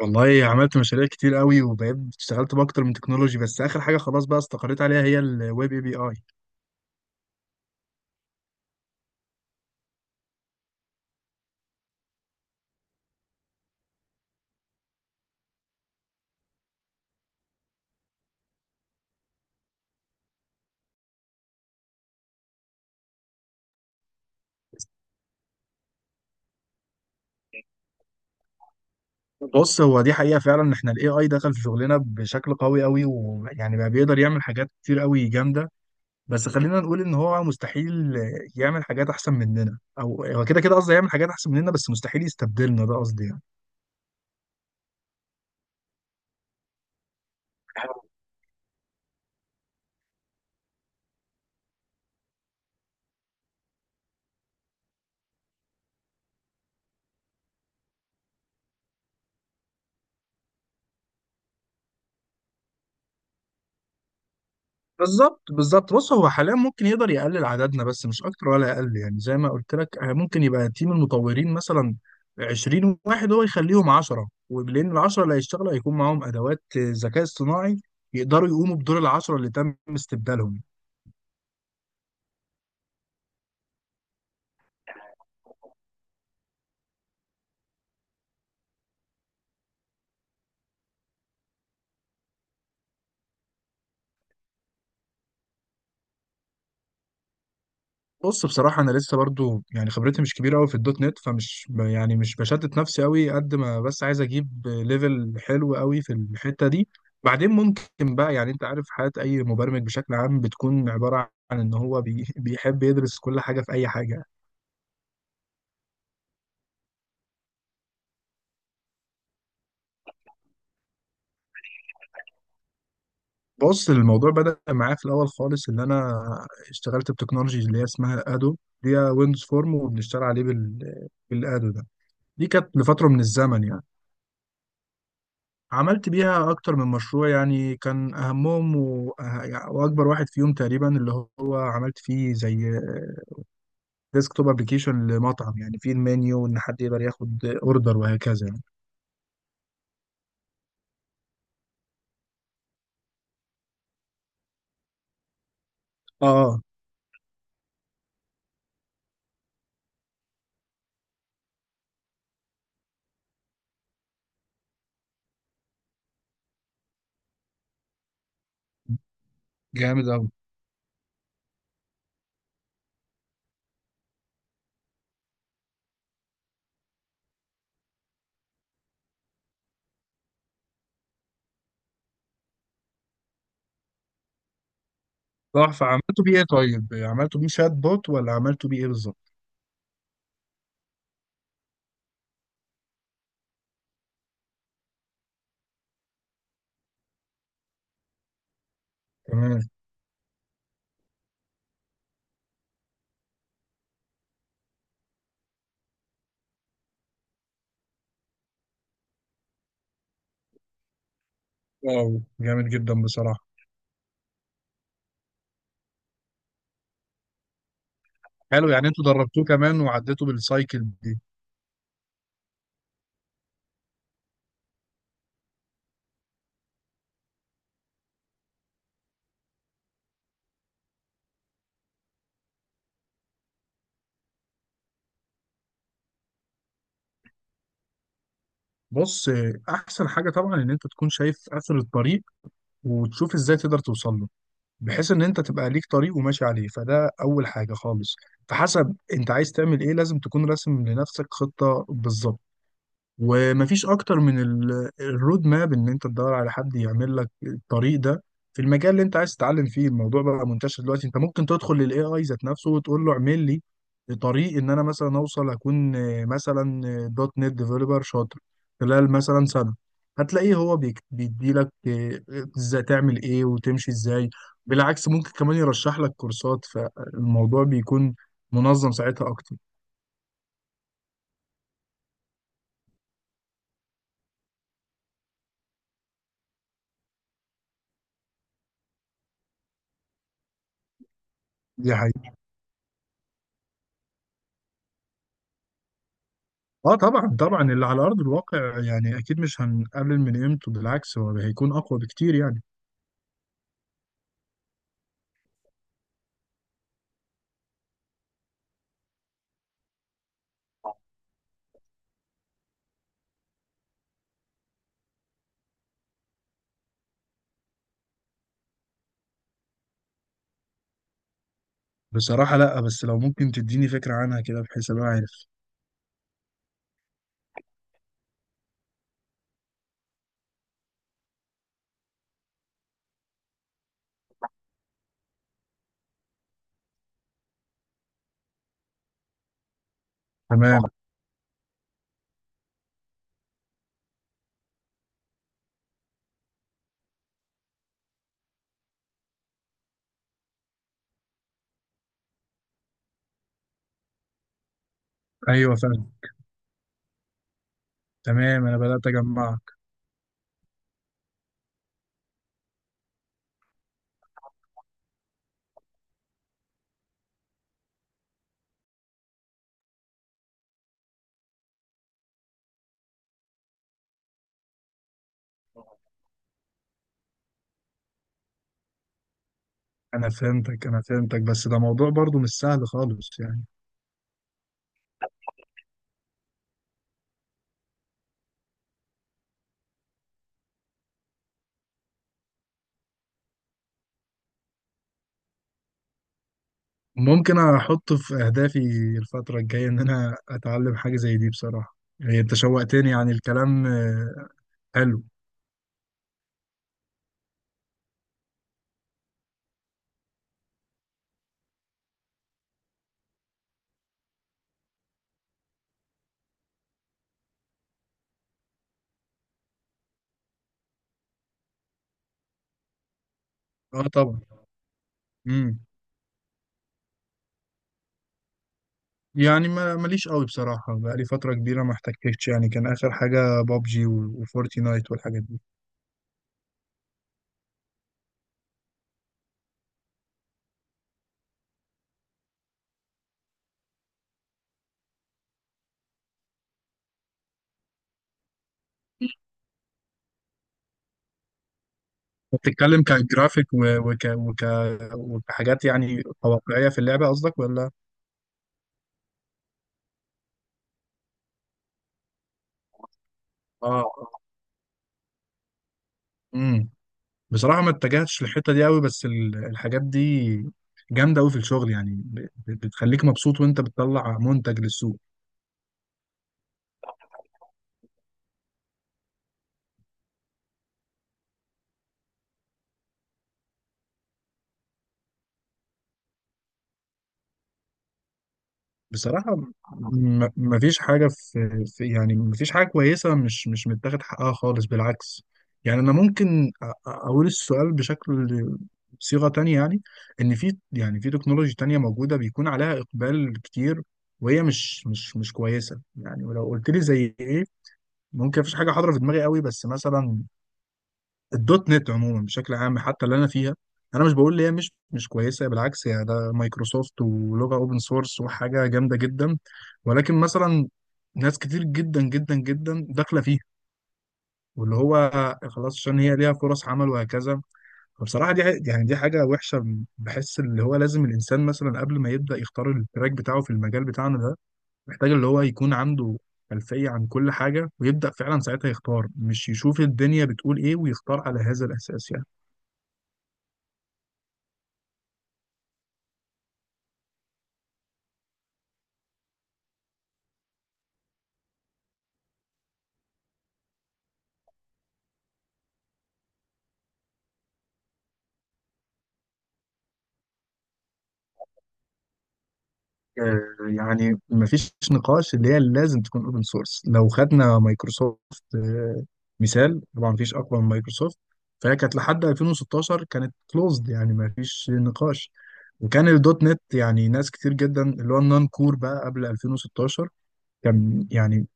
والله عملت مشاريع كتير قوي وبقيت اشتغلت باكتر من تكنولوجي، بس اخر حاجه خلاص بقى استقريت عليها هي الويب اي بي اي. بص، هو دي حقيقه فعلا ان احنا الاي اي دخل في شغلنا بشكل قوي، ويعني بقى بيقدر يعمل حاجات كتير قوي جامده. بس خلينا نقول ان هو مستحيل يعمل حاجات احسن مننا، او هو كده قصدي، يعمل حاجات احسن مننا بس مستحيل يستبدلنا، ده قصدي يعني. بالظبط. بص، هو حاليا ممكن يقدر يقلل عددنا بس مش اكتر ولا اقل، يعني زي ما قلت لك، ممكن يبقى تيم المطورين مثلا 20 واحد، هو يخليهم 10، ولان ال 10 اللي هيشتغلوا هيكون معاهم ادوات ذكاء اصطناعي يقدروا يقوموا بدور ال 10 اللي تم استبدالهم. بص، بصراحة أنا لسه برضو يعني خبرتي مش كبيرة أوي في الدوت نت، يعني مش بشتت نفسي أوي قد ما بس عايز أجيب ليفل حلو أوي في الحتة دي. بعدين ممكن بقى، يعني أنت عارف حياة أي مبرمج بشكل عام بتكون عبارة عن إن هو بيحب يدرس كل حاجة في أي حاجة. بص، الموضوع بدأ معايا في الأول خالص، إن أنا اشتغلت بتكنولوجي اللي هي اسمها أدو، دي ويندوز فورم، وبنشتغل عليه بالأدو ده. دي كانت لفترة من الزمن يعني، عملت بيها أكتر من مشروع. يعني كان أهمهم وأكبر واحد فيهم تقريبا اللي هو عملت فيه زي ديسكتوب أبلكيشن لمطعم، يعني فيه المنيو، إن حد يقدر ياخد أوردر وهكذا يعني. آه آه، جامد أوي. تحفة، عملته بيه إيه طيب؟ عملته بيه شات بوت، ولا عملته بيه إيه بالظبط؟ تمام. واو، جامد جدا بصراحة. حلو، يعني انتوا دربتوه كمان وعديتوا بالسايكل دي. بص، أحسن حاجة طبعا إن أنت تكون شايف آخر الطريق وتشوف إزاي تقدر توصل له، بحيث ان انت تبقى ليك طريق وماشي عليه، فده اول حاجه خالص. فحسب انت عايز تعمل ايه، لازم تكون راسم لنفسك خطه بالظبط. ومفيش اكتر من الرود ماب، ان انت تدور على حد يعمل لك الطريق ده في المجال اللي انت عايز تتعلم فيه. الموضوع بقى منتشر دلوقتي، انت ممكن تدخل للاي اي ذات نفسه وتقول له اعمل لي طريق ان انا مثلا اوصل اكون، مثلا، دوت نت ديفلوبر شاطر خلال مثلا سنه. هتلاقيه هو بيديلك ازاي تعمل ايه وتمشي ازاي. بالعكس ممكن كمان يرشح لك كورسات، فالموضوع بيكون منظم ساعتها اكتر. دي حقيقة. اه طبعا طبعا، اللي على ارض الواقع يعني اكيد مش هنقلل من قيمته، بالعكس هو هيكون اقوى بكتير يعني. بصراحه لا، بس لو ممكن تديني فكره عنها كده بحيث ابقى عارف. تمام طبعا. ايوه فاهم. تمام، انا بدات اجمعك. انا فهمتك بس ده موضوع برضو مش سهل خالص يعني. ممكن احطه في اهدافي الفتره الجايه، ان انا اتعلم حاجه زي دي بصراحه. يعني انت شوقتني يعني الكلام، حلو. اه طبعا. امم يعني ماليش قوي بصراحة، بقالي فترة كبيرة ما احتكتش يعني. كان آخر حاجة بابجي وفورتنايت والحاجات دي. بتتكلم كجرافيك و- وك وك وكحاجات يعني واقعية في اللعبة قصدك، ولا؟ اه. امم بصراحة ما اتجهتش للحتة دي قوي. بس الحاجات دي جامدة قوي في الشغل، يعني بتخليك مبسوط وانت بتطلع منتج للسوق. بصراحة، مفيش حاجة في يعني مفيش حاجة كويسة مش متاخد حقها خالص بالعكس. يعني أنا ممكن أقول السؤال بشكل، صيغة تانية يعني، إن في يعني في تكنولوجي تانية موجودة بيكون عليها إقبال كتير وهي مش كويسة يعني. ولو قلت لي زي إيه، ممكن مفيش حاجة حاضرة في دماغي قوي، بس مثلا الدوت نت عموما بشكل عام، حتى اللي انا فيها. انا مش بقول ان هي مش كويسه، بالعكس هي ده مايكروسوفت ولغه اوبن سورس وحاجه جامده جدا. ولكن مثلا، ناس كتير جدا داخله فيها، واللي هو خلاص عشان هي ليها فرص عمل وهكذا. فبصراحه دي يعني دي حاجه وحشه. بحس اللي هو لازم الانسان مثلا قبل ما يبدا يختار التراك بتاعه في المجال بتاعنا ده، محتاج اللي هو يكون عنده خلفيه عن كل حاجه، ويبدا فعلا ساعتها يختار، مش يشوف الدنيا بتقول ايه ويختار على هذا الاساس يعني. يعني مفيش نقاش اللي هي لازم تكون اوبن سورس. لو خدنا مايكروسوفت، آه، مثال، طبعا مفيش اقوى من مايكروسوفت. فهي كانت لحد 2016 كانت كلوزد، يعني مفيش نقاش. وكان الدوت نت يعني ناس كتير جدا، اللي هو النون كور بقى قبل 2016، كان يعني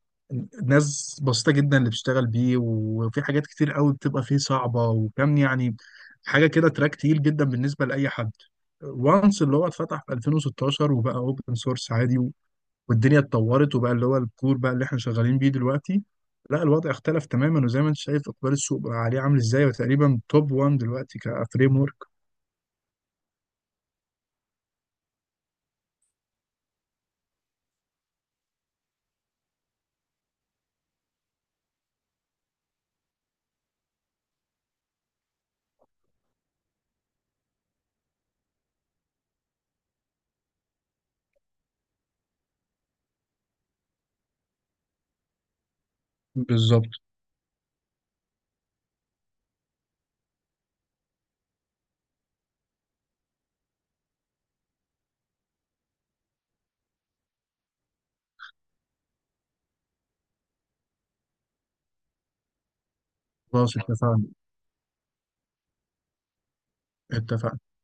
ناس بسيطة جدا اللي بتشتغل بيه، وفي حاجات كتير قوي بتبقى فيه صعبة، وكان يعني حاجة كده تراك تقيل جدا بالنسبة لأي حد. وانس اللي هو اتفتح في 2016 وبقى اوبن سورس عادي، والدنيا اتطورت، وبقى اللي هو الكور بقى اللي احنا شغالين بيه دلوقتي. لا، الوضع اختلف تماما، وزي ما انت شايف اقبال السوق بقى عليه عامل ازاي، وتقريبا توب 1 دلوقتي كفريم ورك. بالظبط. خلاص اتفقنا. اتفقنا.